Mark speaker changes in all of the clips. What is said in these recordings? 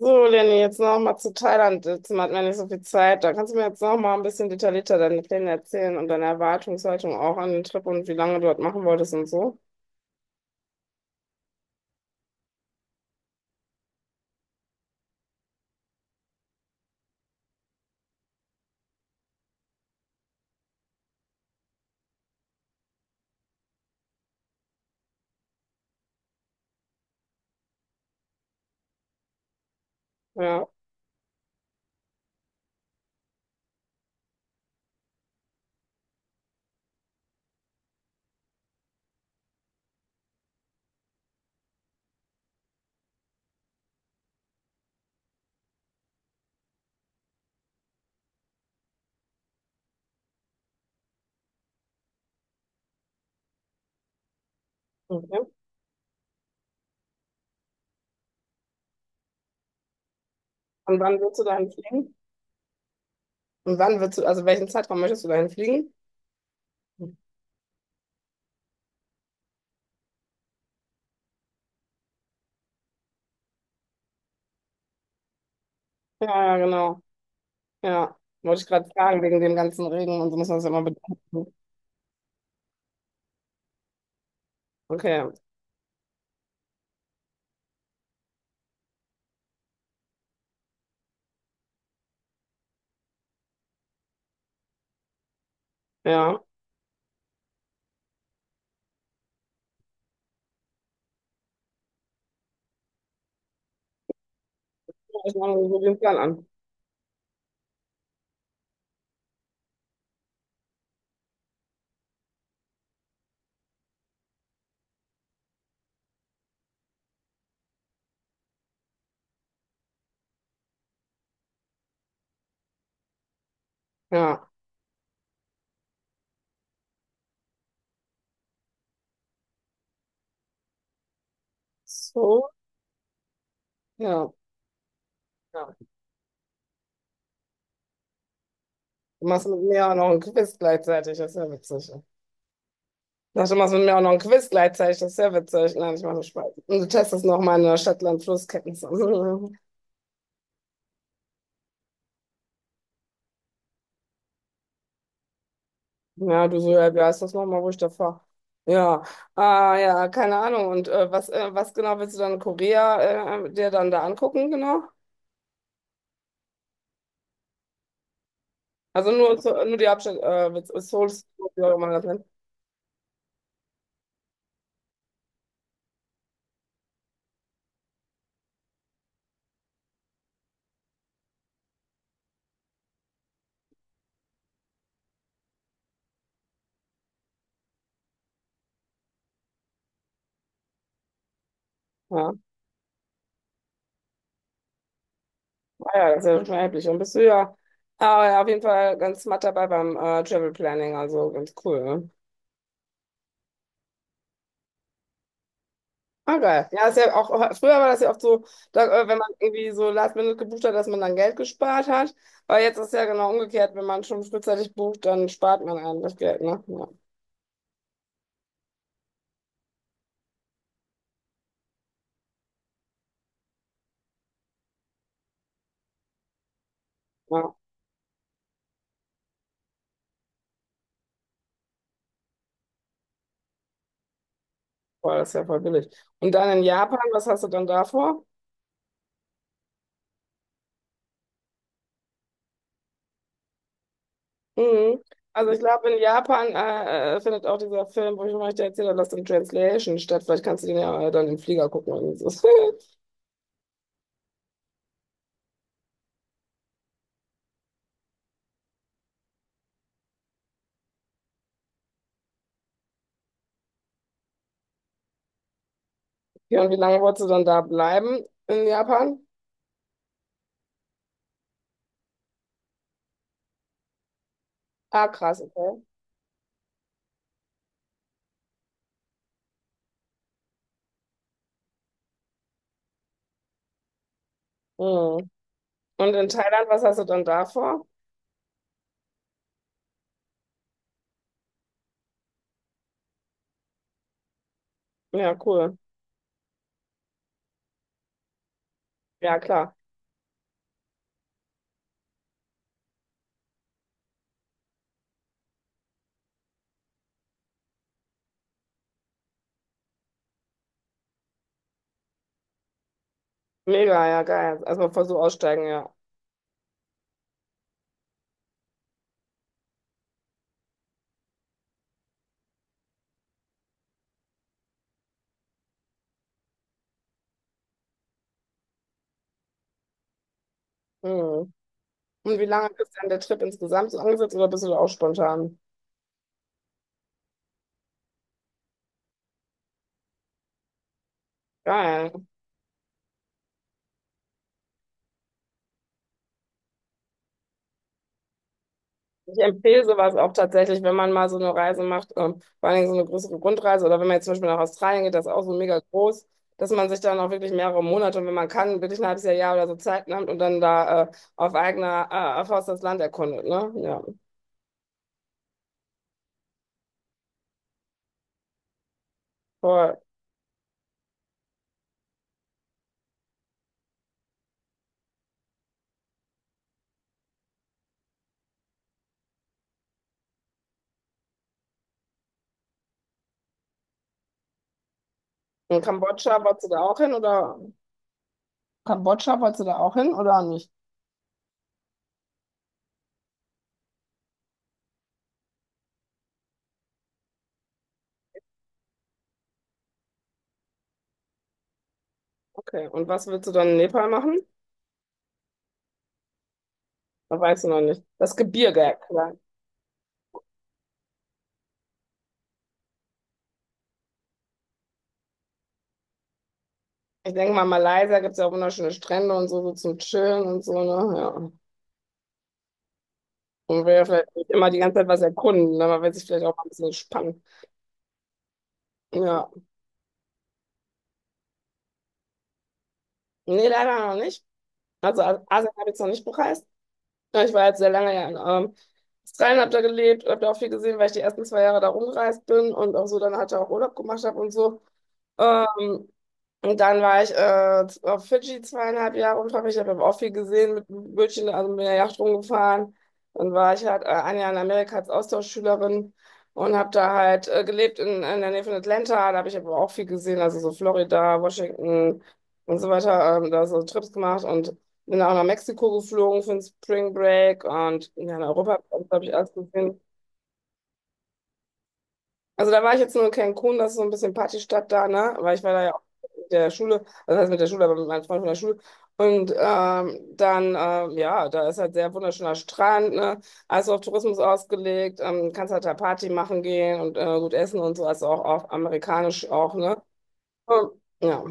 Speaker 1: So, Lenny, jetzt noch mal zu Thailand. Jetzt hat man nicht so viel Zeit. Da kannst du mir jetzt noch mal ein bisschen detaillierter deine Pläne erzählen und deine Erwartungshaltung auch an den Trip und wie lange du dort machen wolltest und so. Ja, okay. Und wann willst du dahin fliegen? Und wann willst du, welchen Zeitraum möchtest du dahin fliegen? Ja, ja, genau. Ja, wollte ich gerade fragen, wegen dem ganzen Regen und so muss man das ja mal bedenken. Okay, ja. Ich mache mir so den Plan an. Ja. So, ja. Ja. Du machst mit mir auch noch ein Quiz gleichzeitig, das ist ja witzig. Ach, du machst mit mir auch noch ein Quiz gleichzeitig, das ist ja witzig. Nein, ich mache nur Spaß. Und du testest noch meine Stadtland-Flusskenntnisse. Ja, du so, ja, wie heißt das nochmal, wo ich da fahre. Ja, ah, ja, keine Ahnung. Und was, was genau willst du dann in Korea dir dann da angucken, genau? Also nur, nur die Hauptstadt, mit Seoul, wie auch immer man das nennt. Ja, ah, ja, das ist ja schon erheblich. Und bist du ja, ah, ja, auf jeden Fall ganz smart dabei beim Travel Planning, also ganz cool, ne? Ah, geil. Ja, ist ja auch, früher war das ja oft so, da, wenn man irgendwie so Last Minute gebucht hat, dass man dann Geld gespart hat. Aber jetzt ist ja genau umgekehrt, wenn man schon frühzeitig bucht, dann spart man einem das Geld, ne? Ja, ja, boah, das ist ja voll billig. Und dann in Japan, was hast du dann da vor? Mhm. Also ich glaube, in Japan findet auch dieser Film, wo ich euch da erzählt habe, Lost in Translation statt. Vielleicht kannst du den ja dann im Flieger gucken. Irgendwie so. Ja, und wie lange wolltest du dann da bleiben in Japan? Ah, krass, okay. Mhm. Und in Thailand, was hast du dann da vor? Ja, cool. Ja, klar. Mega, ja, geil. Erstmal voll so aussteigen, ja. Mhm. Und wie lange ist dann der Trip insgesamt so angesetzt oder bist du da auch spontan? Geil. Ich empfehle sowas auch tatsächlich, wenn man mal so eine Reise macht, vor allen Dingen so eine größere Rundreise oder wenn man jetzt zum Beispiel nach Australien geht, das ist auch so mega groß, dass man sich dann auch wirklich mehrere Monate und wenn man kann, wirklich ein halbes Jahr, Jahr oder so Zeit nimmt und dann da auf eigener Faust das Land erkundet, ne? Ja, voll. Und Kambodscha, wolltest du da auch hin oder? Kambodscha, wolltest du da auch hin oder nicht? Okay, und was willst du dann in Nepal machen? Das weißt du noch nicht. Das Gebirge, ja, klar. Ich denke mal, Malaysia gibt es ja auch wunderschöne Strände und so, so zum Chillen und so, ne? Ja. Und will ja vielleicht nicht immer die ganze Zeit was erkunden, ne? Man will sich vielleicht auch mal ein bisschen spannen. Ja. Nee, leider noch nicht. Also Asien habe ich jetzt noch nicht bereist. Ja, ich war jetzt sehr lange ja in ähm, Australien, habe da gelebt, habe da auch viel gesehen, weil ich die ersten 2 Jahre da rumgereist bin und auch so dann halt auch Urlaub gemacht habe und so. Ähm, und dann war ich auf Fidschi 2,5 Jahre unverpflichtet, habe aber auch viel gesehen mit dem Bötchen, also mit der Yacht rumgefahren. Dann war ich halt 1 Jahr in Amerika als Austauschschülerin und habe da halt gelebt in der Nähe von Atlanta. Da habe ich aber auch viel gesehen, also so Florida, Washington und so weiter. Da so Trips gemacht und bin auch nach Mexiko geflogen für den Spring Break und ja, in Europa, glaube ich, alles gesehen. Also da war ich jetzt nur in Cancun, das ist so ein bisschen Partystadt da, ne? Weil ich war da ja auch mit der Schule, also das heißt mit der Schule, aber mit meinem Freund von der Schule. Und ja, da ist halt sehr wunderschöner Strand, ne? Also auf Tourismus ausgelegt, kannst halt da Party machen gehen und gut essen und so, also auch auf amerikanisch auch, ne? Und, ja.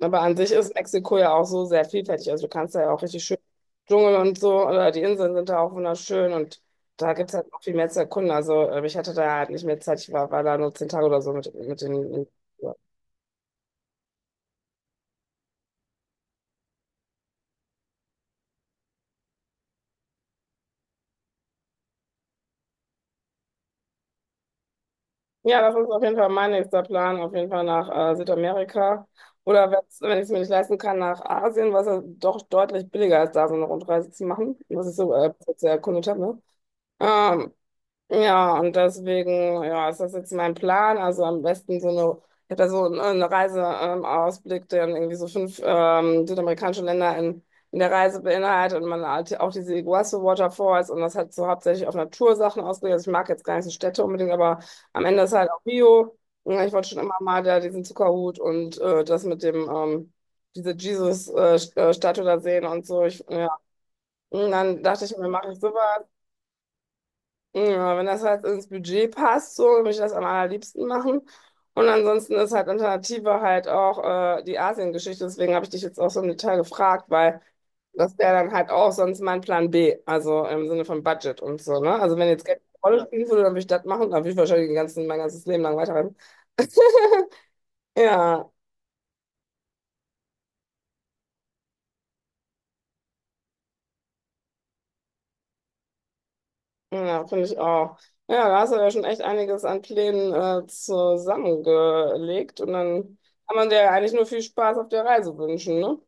Speaker 1: Aber an sich ist Mexiko ja auch so sehr vielfältig. Also du kannst da ja auch richtig schön Dschungel und so, oder die Inseln sind da auch wunderschön und da gibt es halt noch viel mehr zu erkunden. Also ich hatte da halt nicht mehr Zeit, ich war da nur 10 Tage oder so mit den. Ja, ja, das ist auf jeden Fall mein nächster Plan, auf jeden Fall nach Südamerika. Oder wenn ich es mir nicht leisten kann, nach Asien, was ja doch deutlich billiger ist, da so eine Rundreise zu machen, was ich so bis jetzt erkundet habe. Ne? Ähm, ja, und deswegen, ja, ist das jetzt mein Plan. Also am besten so eine, ich habe da so einen Reiseausblick, Ausblick, der dann irgendwie so fünf südamerikanische Länder in der Reise beinhaltet und man halt auch diese Iguazu Waterfalls und das hat so hauptsächlich auf Natursachen ausgelegt. Also ich mag jetzt gar nicht so Städte unbedingt, aber am Ende ist halt auch Bio. Ja, ich wollte schon immer mal da diesen Zuckerhut und das mit dem, diese Jesus-Statue da sehen und so. Ich, ja. Und dann dachte ich mir, mache ich sowas. Ja, wenn das halt ins Budget passt, so würde ich das am allerliebsten machen. Und ansonsten ist halt Alternative halt auch die Asien-Geschichte. Deswegen habe ich dich jetzt auch so im Detail gefragt, weil das wäre dann halt auch sonst mein Plan B, also im Sinne von Budget und so, ne? Also wenn jetzt Geld eine Rolle spielen würde, dann würde ich das machen, dann würde ich wahrscheinlich den ganzen, mein ganzes Leben lang weiterreisen. Ja, ja, finde ich auch. Ja, da hast du ja schon echt einiges an Plänen zusammengelegt und dann kann man dir ja eigentlich nur viel Spaß auf der Reise wünschen, ne?